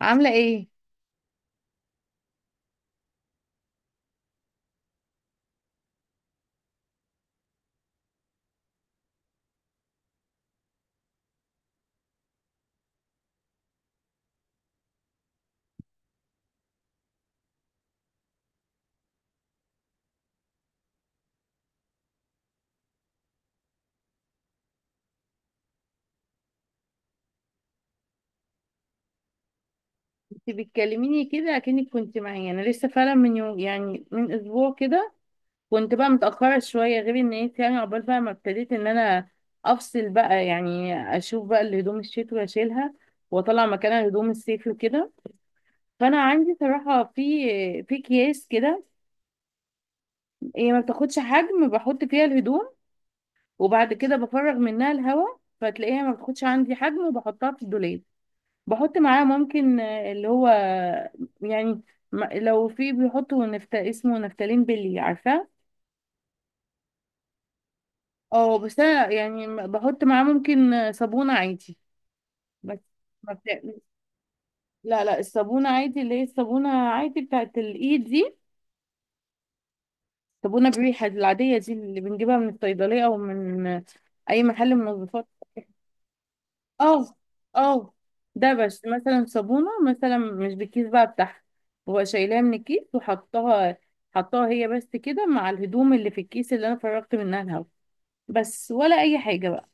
عاملة ايه؟ انت بتكلميني كده اكنك كنت معايا، انا لسه فعلا من يوم، يعني من اسبوع كده. كنت بقى متأخرة شوية، غير ان انت يعني عقبال بقى ما ابتديت ان انا افصل بقى، يعني اشوف بقى الهدوم الشتوي اشيلها واطلع مكانها هدوم الصيف وكده. فانا عندي صراحة في اكياس كده، هي ما بتاخدش حجم، بحط فيها الهدوم وبعد كده بفرغ منها الهواء، فتلاقيها ما بتاخدش عندي حجم وبحطها في الدولاب. بحط معاه ممكن اللي هو يعني لو في بيحطوا اسمه نفتالين، بلي عارفاه. اه، بس انا يعني بحط معاه ممكن صابونة عادي. بس ما بت... لا لا، الصابونة عادي، اللي هي الصابونة عادي بتاعت الايد دي، صابونة بريحة العادية دي اللي بنجيبها من الصيدلية او من اي محل منظفات. اه اه، دبش مثلا صابونة، مثلا مش بالكيس بقى بتاعها، ببقى شايلاها من الكيس وحطاها، حطاها هي بس كده مع الهدوم اللي في الكيس اللي انا فرغت منها الهوا بس ولا اي حاجة بقى.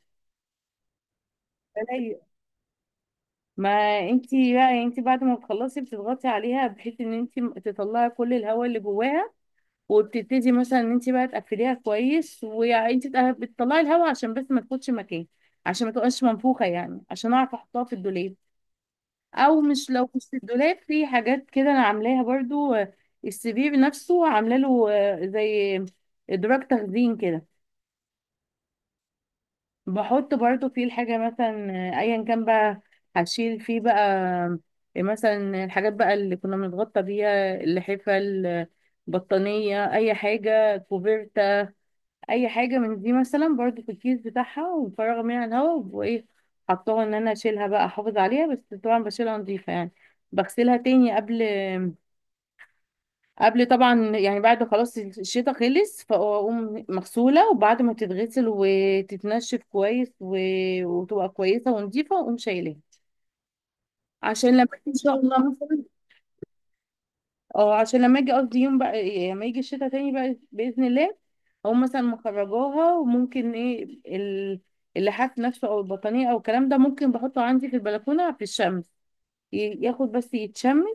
ولا أي- ما انتي بقى، انتي بعد ما بتخلصي بتضغطي عليها بحيث ان انتي تطلعي كل الهواء اللي جواها، وبتبتدي مثلا ان انتي بقى تقفليها كويس وانتي بتطلعي الهواء عشان بس ما تاخدش مكان، عشان ما تبقاش منفوخة، يعني عشان اعرف احطها في الدولاب. او مش لو مش في الدولاب، في حاجات كده انا عاملاها برضو. السي في نفسه عامله له زي ادراج تخزين كده. بحط برضو فيه الحاجه مثلا، ايا كان بقى هشيل فيه بقى، مثلا الحاجات بقى اللي كنا بنتغطى بيها، اللحفه، البطانيه، اي حاجه، كوفيرتا، اي حاجه من دي مثلا برضو في الكيس بتاعها ومفرغه منها الهواء وايه، حطاها ان انا اشيلها بقى احافظ عليها. بس طبعا بشيلها نظيفه يعني، بغسلها تاني قبل طبعا، يعني بعد خلاص الشتاء خلص، فاقوم مغسوله وبعد ما تتغسل وتتنشف كويس و... وتبقى كويسه ونضيفه، واقوم شايلاها عشان لما ان شاء الله مثلا، اه عشان لما اجي قصدي يوم بقى لما يجي الشتاء تاني بقى باذن الله، اقوم مثلا مخرجاها، وممكن ايه اللحاف نفسه او البطانيه او الكلام ده، ممكن بحطه عندي في البلكونه في الشمس ياخد بس يتشمس،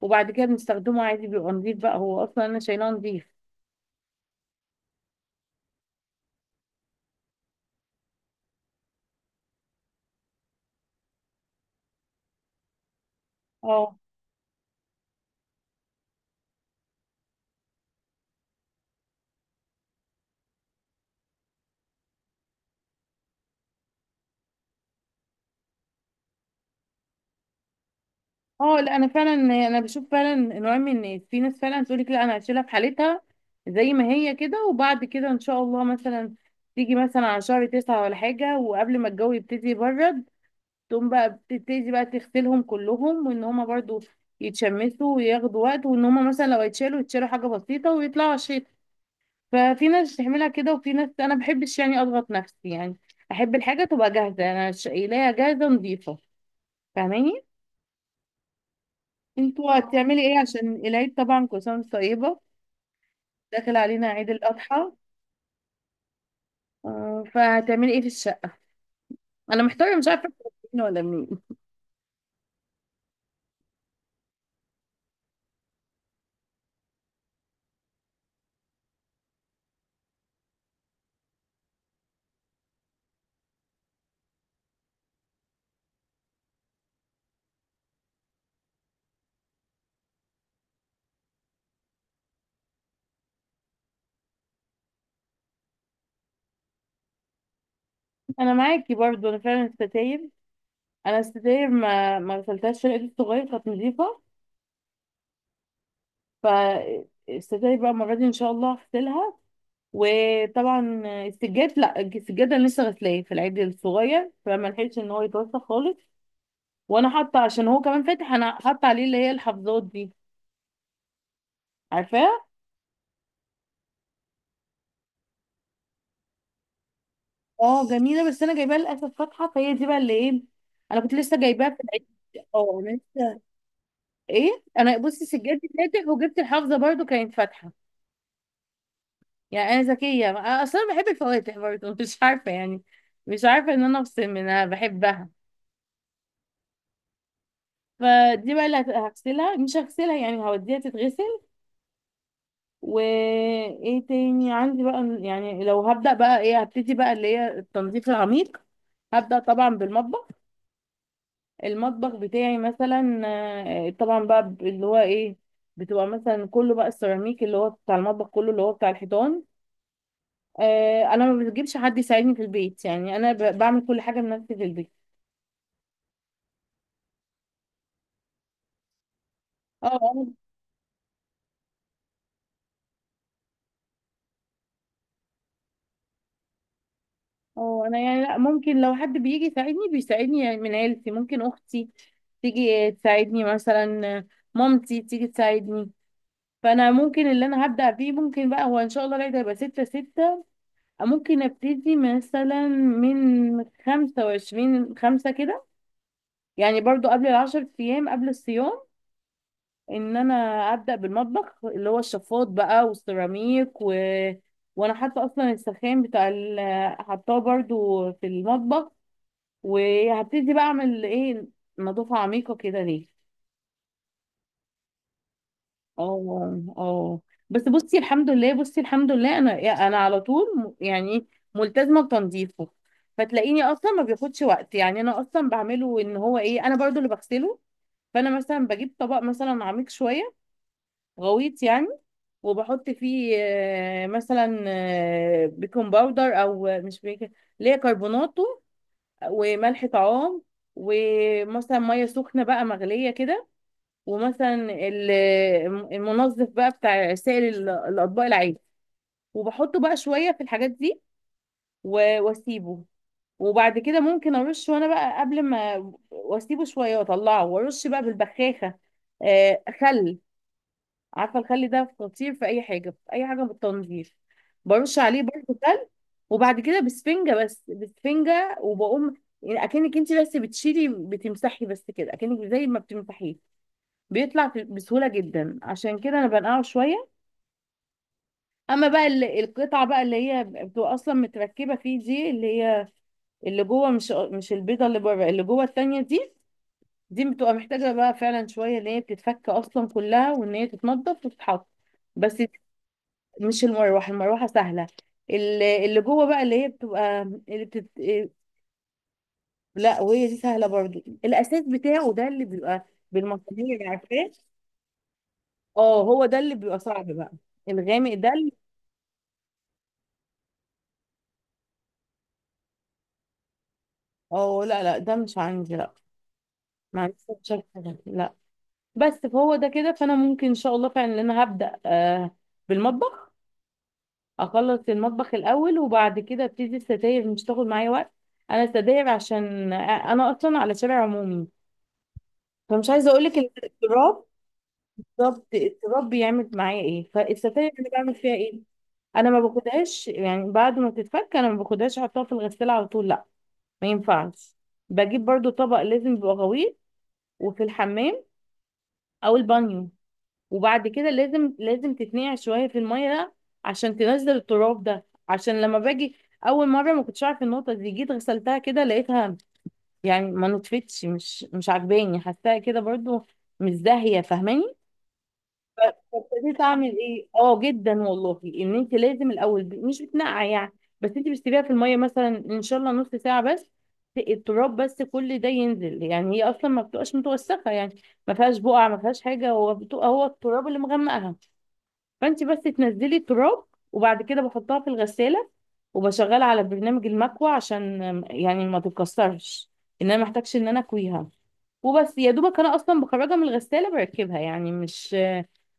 وبعد كده بنستخدمه عادي، بيبقى نضيف بقى، هو اصلا انا شايلاه نضيف. آه. اه، لا انا فعلا، انا بشوف فعلا نوع من الناس، في ناس فعلا تقول لك لا انا هشيلها في حالتها زي ما هي كده، وبعد كده ان شاء الله مثلا تيجي مثلا على شهر تسعة ولا حاجة وقبل ما الجو يبتدي يبرد، تقوم بقى بتبتدي بقى تغسلهم كلهم، وان هما برضو يتشمسوا وياخدوا وقت، وان هما مثلا لو يتشالوا، يتشالوا حاجة بسيطة، ويطلعوا على الشتا. ففي ناس تعملها كده، وفي ناس انا بحبش يعني اضغط نفسي، يعني احب الحاجة تبقى جاهزة، انا شايلاها جاهزة نظيفة. فاهماني؟ انتوا هتعملي ايه عشان العيد؟ طبعا كل سنه وانت طيبه، داخل علينا عيد الاضحى. فهتعملي ايه في الشقه؟ انا محتاره، مش عارفه أبدأ منين ولا منين. انا معاكي برضو، انا فعلا الستاير، انا الستاير ما غسلتهاش في العيد الصغير، كانت نظيفه، فالستاير بقى المره دي ان شاء الله هغسلها. وطبعا السجاد، لا السجاد انا لسه غسلاه في العيد الصغير فما لحقتش ان هو يتوسخ خالص، وانا حاطه عشان هو كمان فاتح، انا حاطه عليه اللي هي الحفاظات دي، عارفاه؟ اه جميله، بس انا جايباها للاسف فاتحه، فهي دي بقى اللي ايه، انا كنت لسه جايباها في العيد. اه انا لسه ايه، انا بصي سجادي فاتح وجبت الحافظه برضو كانت فاتحه، يعني انا ذكيه، أنا اصلا بحب الفواتح برضو. مش عارفه يعني، مش عارفه ان انا افصل منها، بحبها. فدي بقى اللي هغسلها، مش هغسلها يعني، هوديها تتغسل. وايه تاني عندي بقى، يعني لو هبدأ بقى ايه، هبتدي بقى اللي هي التنظيف العميق، هبدأ طبعا بالمطبخ. المطبخ بتاعي مثلا، طبعا بقى اللي هو ايه، بتبقى مثلا كله بقى السيراميك اللي هو بتاع المطبخ كله اللي هو بتاع الحيطان. انا ما بجيبش حد يساعدني في البيت، يعني انا بعمل كل حاجه بنفسي في البيت. اه انا، اه انا يعني لا، ممكن لو حد بيجي يساعدني بيساعدني يعني من عيلتي، ممكن اختي تيجي تساعدني مثلا، مامتي تيجي تساعدني. فانا ممكن اللي انا هبدأ فيه، ممكن بقى هو ان شاء الله العيد هيبقى 6/6، ممكن ابتدي مثلا من 25/5 كده، يعني برضو قبل العشر ايام، قبل الصيام، ان انا ابدا بالمطبخ، اللي هو الشفاط بقى والسيراميك و... وانا حاطه اصلا السخان بتاع ال... حطاه برضو في المطبخ، وهبتدي بقى اعمل ايه، نظافه عميقه كده ليه. اه اه، بس بصي الحمد لله، بصي الحمد لله انا، انا على طول يعني ملتزمه بتنظيفه، فتلاقيني اصلا ما بياخدش وقت، يعني انا اصلا بعمله ان هو ايه، انا برضو اللي بغسله. فانا مثلا بجيب طبق مثلا عميق شويه، غويط يعني، وبحط فيه مثلا بيكنج باودر او مش بيكنج، اللي هي كربوناتو، وملح طعام ومثلا ميه سخنه بقى مغليه كده، ومثلا ال- المنظف بقى بتاع سائل الاطباق العادي، وبحطه بقى شويه في الحاجات دي واسيبه. وبعد كده ممكن ارش، وانا بقى قبل ما واسيبه شويه واطلعه، وارش بقى بالبخاخه خل، عارفه الخل ده خطير في اي حاجه، في اي حاجه بالتنظيف، برش عليه برضه خل. وبعد كده بسفنجه، بس بسفنجه وبقوم، يعني اكنك انت بس بتشيلي بتمسحي بس كده، اكنك زي ما بتمسحيه بيطلع بسهولة جدا، عشان كده انا بنقعه شوية. اما بقى القطعة بقى اللي هي بتبقى اصلا متركبة فيه دي، اللي هي اللي جوه، مش البيضة اللي بره، اللي جوه التانية دي، دي بتبقى محتاجة بقى فعلا شوية، ان هي بتتفك اصلا كلها وان هي تتنضف وتتحط بس. مش المروحة، المروحة سهلة. اللي جوه بقى اللي هي بتبقى، اللي بتت... لا وهي دي سهلة برضو، الاساس بتاعه ده اللي بيبقى بالمصانير، عارفاه؟ اه هو ده اللي بيبقى صعب بقى، الغامق ده. اه لا لا، ده مش عندي، لا، ما عنديش حاجة، لا. بس فهو ده كده، فانا ممكن ان شاء الله فعلا إن انا هبدأ بالمطبخ، اخلص المطبخ الاول، وبعد كده ابتدي الستاير، مش تاخد معايا وقت. انا الستاير عشان انا اصلا على شارع عمومي، فمش عايزه اقول لك، التراب، التراب التراب بيعمل معايا ايه، فالستاير انا بعمل فيها ايه، انا ما باخدهاش يعني بعد ما تتفك، انا ما باخدهاش احطها في الغساله على طول، لا، ما ينفعش. بجيب برضو طبق لازم يبقى غويط وفي الحمام او البانيو، وبعد كده لازم تتنقع شويه في الميه، ده عشان تنزل التراب، ده عشان لما باجي، اول مره ما كنتش عارف النقطه دي، جيت غسلتها كده لقيتها يعني ما نطفتش، مش عجباني، حاساها كده برضو مش زاهيه، فاهماني؟ ابتديت اعمل ايه، اه جدا والله، ان انت لازم الاول مش بتنقع يعني، بس انت بتسيبيها في الميه مثلا ان شاء الله نص ساعه بس، التراب بس كل ده ينزل، يعني هي اصلا ما بتبقاش متوسخه، يعني ما فيهاش بقع، ما فيهاش حاجه، هو بتبقى هو التراب اللي مغمقها، فانت بس تنزلي التراب. وبعد كده بحطها في الغسالة وبشغلها على برنامج المكوى عشان يعني ما تتكسرش، ان انا محتاجش ان انا اكويها. وبس يا دوبك انا اصلا بخرجها من الغسالة بركبها، يعني مش،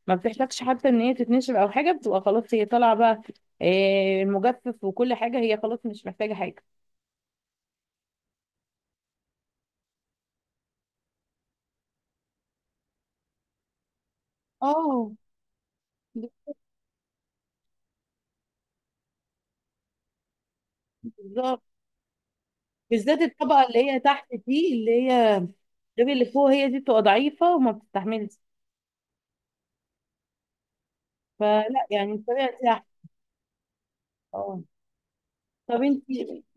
ما بتحتاجش حتى ان هي تتنشر او حاجة، بتبقى خلاص هي طالعة بقى، المجفف وكل حاجة هي خلاص مش محتاجة حاجة. اه بالظبط، بالذات الطبقة اللي هي تحت دي، اللي هي غير اللي فوق، هي دي بتبقى ضعيفة وما بتستحملش، فلا يعني الطريقة دي. اه طب انت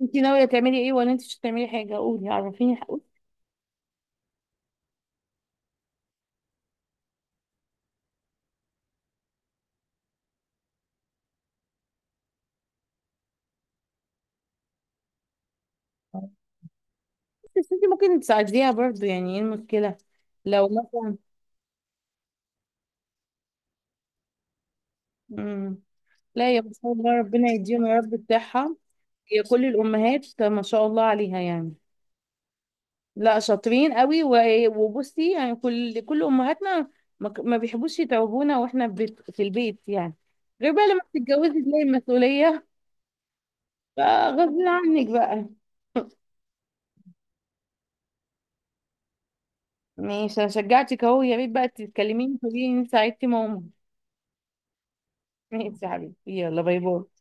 انت ناويه تعملي ايه، ولا انت مش هتعملي حاجه؟ قولي عرفيني حقولي. بس انت ممكن تساعديها برضو، يعني ايه المشكله لو مثلا. مم. لا يا ما شاء الله، ربنا يديهم يا رب بتاعها، هي كل الامهات ما شاء الله عليها يعني، لا شاطرين قوي، وبصي يعني كل امهاتنا ما بيحبوش يتعبونا واحنا في البيت يعني، غير بقى لما بتتجوزي تلاقي المسؤوليه، فغصب عنك بقى. ماشي، انا شجعتك اهو، يا ريت بقى تتكلميني تقولي لي ان ساعدتي ماما. ماشي يا حبيبتي، يلا باي باي.